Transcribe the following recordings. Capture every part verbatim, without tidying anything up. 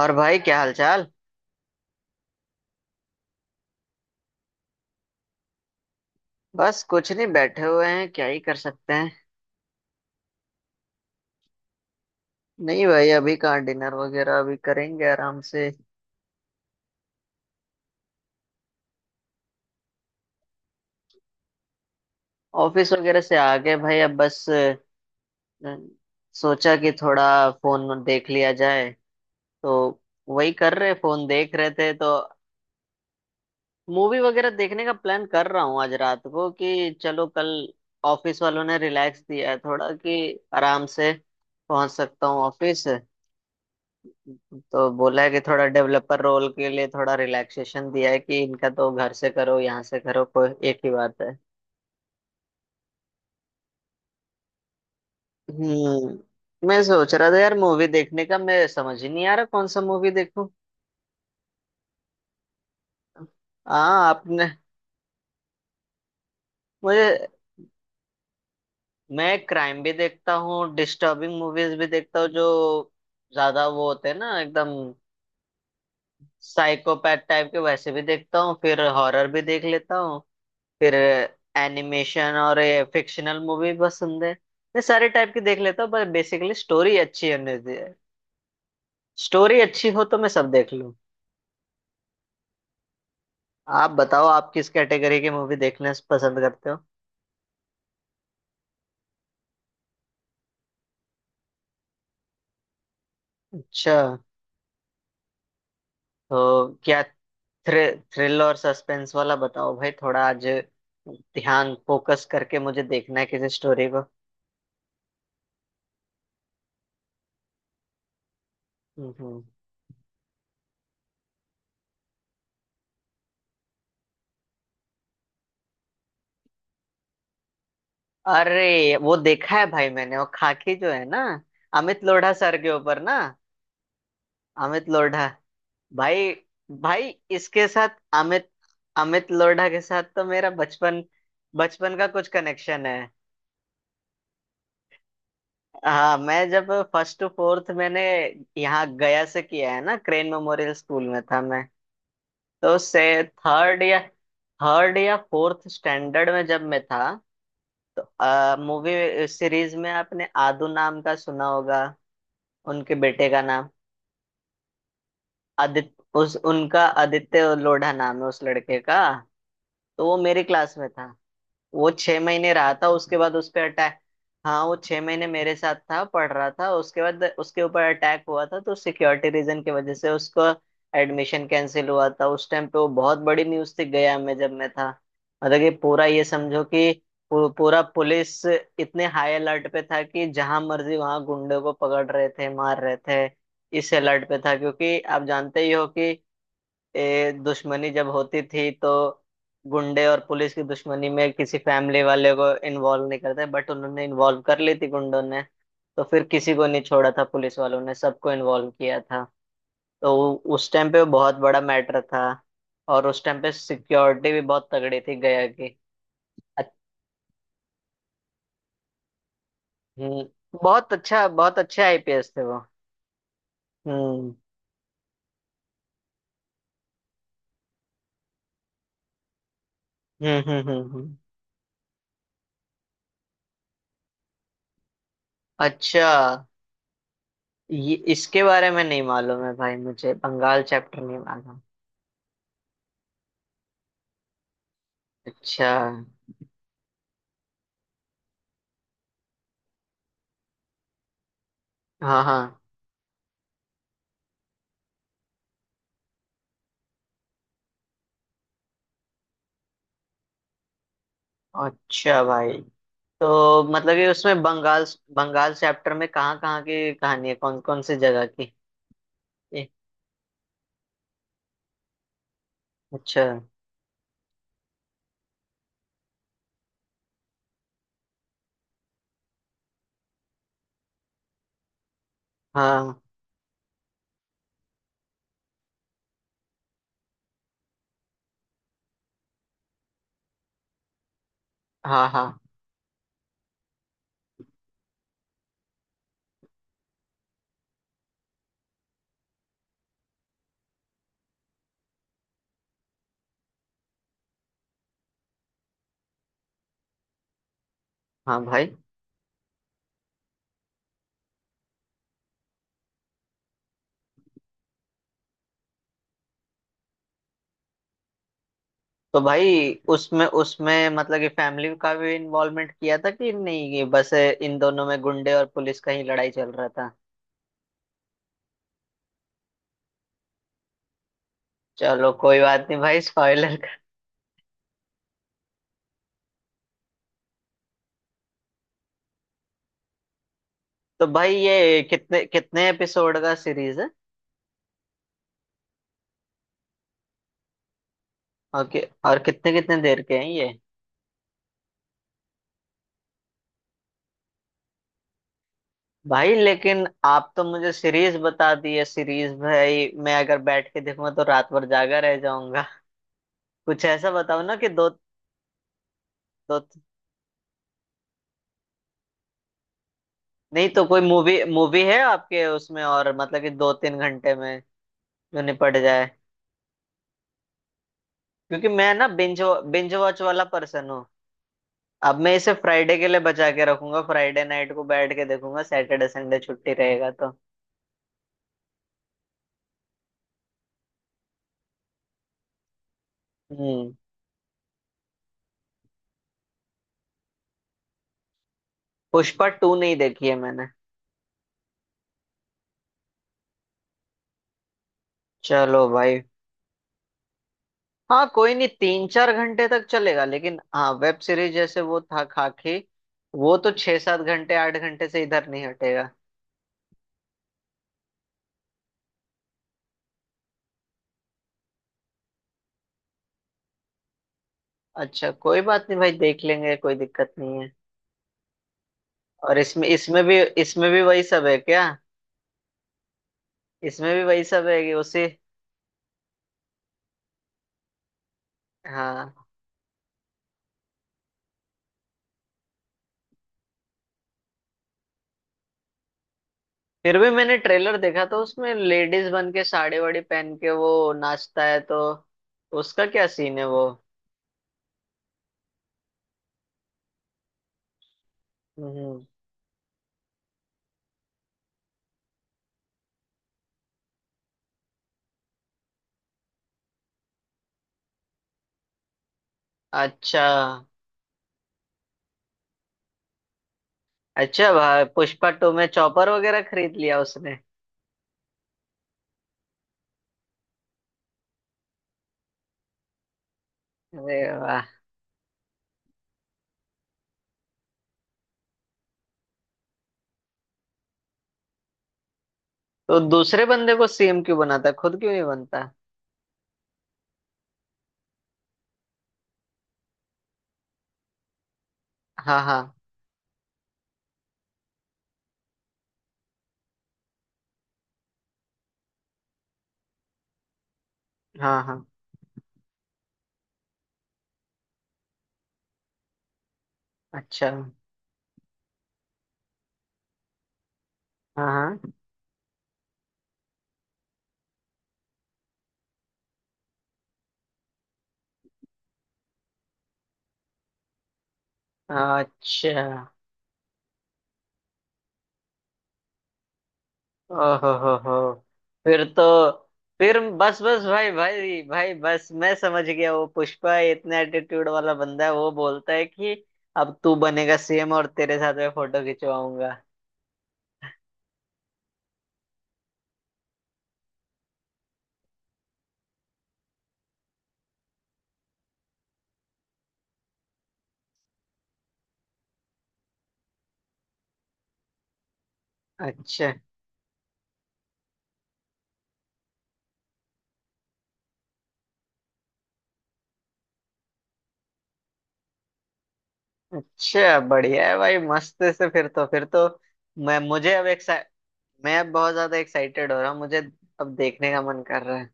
और भाई क्या हालचाल। बस कुछ नहीं बैठे हुए हैं क्या ही कर सकते हैं। नहीं भाई अभी कहाँ डिनर वगैरह, अभी करेंगे आराम से। ऑफिस वगैरह से आ गए भाई, अब बस अ, सोचा कि थोड़ा फोन देख लिया जाए, तो वही कर रहे, फोन देख रहे थे तो। मूवी वगैरह देखने का प्लान कर रहा हूँ आज रात को कि चलो, कल ऑफिस वालों ने रिलैक्स दिया है थोड़ा कि आराम से पहुंच सकता हूँ ऑफिस। तो बोला है कि थोड़ा डेवलपर रोल के लिए थोड़ा रिलैक्सेशन दिया है कि इनका तो घर से करो यहाँ से करो, कोई एक ही बात है। हम्म, मैं सोच रहा था यार मूवी देखने का, मैं समझ ही नहीं आ रहा कौन सा मूवी देखूं। हाँ, आपने? मुझे, मैं क्राइम भी देखता हूँ, डिस्टर्बिंग मूवीज भी देखता हूँ जो ज्यादा वो होते हैं ना एकदम। साइकोपैथ टाइप के वैसे भी देखता हूँ, फिर हॉरर भी देख लेता हूँ, फिर एनिमेशन और ये फिक्शनल मूवी पसंद है। मैं सारे टाइप की देख लेता हूँ पर बेसिकली स्टोरी अच्छी होने दे, स्टोरी अच्छी हो तो मैं सब देख लूँ। आप बताओ, आप किस कैटेगरी की मूवी देखना पसंद करते हो? अच्छा, तो क्या, थ्रिल थ्रिल और सस्पेंस वाला बताओ भाई थोड़ा आज, ध्यान फोकस करके मुझे देखना है किसी स्टोरी को। हम्म। अरे वो देखा है भाई मैंने, वो खाकी जो है ना, अमित लोढ़ा सर के ऊपर ना, अमित लोढ़ा भाई। भाई, इसके साथ अमित, अमित लोढ़ा के साथ तो मेरा बचपन, बचपन का कुछ कनेक्शन है। हाँ, मैं जब फर्स्ट टू फोर्थ मैंने यहाँ गया से किया है ना, क्रेन मेमोरियल स्कूल में था मैं, तो से थर्ड या थर्ड या फोर्थ स्टैंडर्ड में जब मैं था, आ, मूवी सीरीज में आपने आदू नाम का सुना होगा, उनके बेटे का नाम आदित्य। उस उनका आदित्य लोढ़ा नाम है उस लड़के का, तो वो मेरी क्लास में था। वो छह महीने रहा था, उसके बाद उस पे अटैक। हाँ वो छह महीने मेरे साथ था, पढ़ रहा था, उसके बाद उसके ऊपर अटैक हुआ था, तो सिक्योरिटी रीजन की वजह से उसको एडमिशन कैंसिल हुआ था। उस टाइम पे वो बहुत बड़ी न्यूज थी गया में, जब मैं था। मतलब कि पूरा, ये समझो कि पू- पूरा पुलिस इतने हाई अलर्ट पे था कि जहां मर्जी वहां गुंडे को पकड़ रहे थे, मार रहे थे। इस अलर्ट पे था, क्योंकि आप जानते ही हो कि ए, दुश्मनी जब होती थी तो गुंडे और पुलिस की दुश्मनी में किसी फैमिली वाले को इन्वॉल्व नहीं करते, बट उन्होंने इन्वॉल्व कर ली थी गुंडों ने। तो फिर किसी को नहीं छोड़ा था पुलिस वालों ने, सबको इन्वॉल्व किया था। तो वो- उस टाइम पे वो बहुत बड़ा मैटर था, और उस टाइम पे सिक्योरिटी भी बहुत तगड़ी थी गया की। अच- हम्म, बहुत अच्छा, बहुत अच्छे आई पी एस थे वो। हम्म, हम्म, हम्म, हम्म, हम्म। अच्छा, ये इसके बारे में नहीं मालूम है भाई मुझे, बंगाल चैप्टर नहीं मालूम। अच्छा। हाँ हाँ। अच्छा भाई। तो मतलब ये उसमें बंगाल, बंगाल चैप्टर में कहाँ कहाँ की कहानी है, कौन कौन सी जगह की ए, अच्छा। हाँ हाँ हाँ हाँ भाई। तो भाई उसमें उसमें मतलब कि फैमिली का भी इन्वॉल्वमेंट किया था कि नहीं, ये बस इन दोनों में गुंडे और पुलिस का ही लड़ाई चल रहा था। चलो कोई बात नहीं भाई स्पॉइलर का। तो भाई ये कितने कितने एपिसोड का सीरीज है? और कि, और कितने कितने देर के हैं ये? भाई लेकिन आप तो मुझे सीरीज बता दी है सीरीज, भाई मैं अगर बैठ के देखूंगा तो रात भर जागा रह जाऊंगा। कुछ ऐसा बताओ ना कि दो। दो नहीं तो कोई मूवी, मूवी है आपके उसमें, और मतलब कि दो तीन घंटे में जो निपट जाए, क्योंकि मैं ना बिंज, बिंज वॉच वाला पर्सन हूँ। अब मैं इसे फ्राइडे के लिए बचा के रखूंगा, फ्राइडे नाइट को बैठ के देखूंगा, सैटरडे संडे छुट्टी रहेगा तो। हम्म। पुष्पा टू नहीं देखी है मैंने। चलो भाई। हाँ कोई नहीं, तीन चार घंटे तक चलेगा लेकिन, हाँ वेब सीरीज जैसे वो था खाकी, वो तो छह सात घंटे, आठ घंटे से इधर नहीं हटेगा। अच्छा कोई बात नहीं भाई देख लेंगे, कोई दिक्कत नहीं है। और इसमें इसमें भी इसमें भी वही सब है क्या? इसमें भी वही सब है कि उसी, हाँ। फिर भी मैंने ट्रेलर देखा तो उसमें लेडीज बन के साड़ी वाड़ी पहन के वो नाचता है, तो उसका क्या सीन है वो? हम्म। अच्छा। अच्छा भाई, पुष्पा टू में चॉपर वगैरह खरीद लिया उसने? अरे वाह। तो दूसरे बंदे को सी एम क्यों बनाता है, खुद क्यों नहीं बनता? हाँ हाँ हाँ हाँ। अच्छा हाँ। हाँ। अच्छा। ओहो हो हो। फिर तो, फिर बस बस भाई भाई भाई बस मैं समझ गया, वो पुष्पा इतना एटीट्यूड वाला बंदा है, वो बोलता है कि अब तू बनेगा सी एम और तेरे साथ मैं फोटो खिंचवाऊंगा। अच्छा। अच्छा बढ़िया है भाई, मस्त से, फिर तो फिर तो मैं मुझे अब मैं अब बहुत ज्यादा एक्साइटेड हो रहा हूँ, मुझे अब देखने का मन कर रहा है।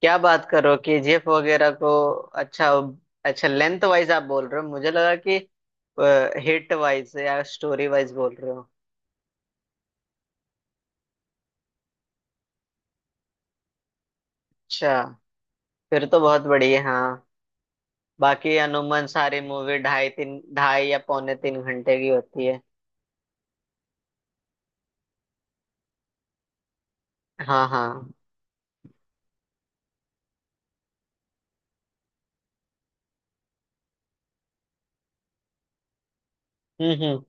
क्या बात करो कि जी एफ वगैरह को। अच्छा। अच्छा लेंथ वाइज आप बोल रहे हो, मुझे लगा कि हिट वाइज या स्टोरी वाइज बोल रहे हो। अच्छा फिर तो बहुत बढ़िया है। हाँ। बाकी अनुमान सारी मूवी ढाई तीन, ढाई या पौने तीन घंटे की होती है। हाँ हाँ। हम्म हम्म।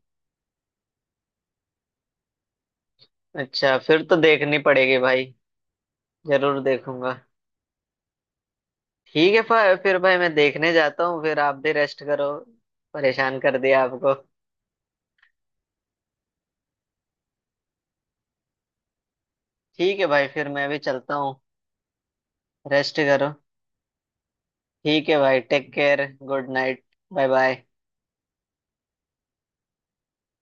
अच्छा फिर तो देखनी पड़ेगी भाई, जरूर देखूंगा। ठीक है, फिर फिर भाई मैं देखने जाता हूँ, फिर आप भी रेस्ट करो, परेशान कर दिया आपको। ठीक है भाई फिर मैं भी चलता हूँ। रेस्ट करो। ठीक है भाई take care good night, bye bye.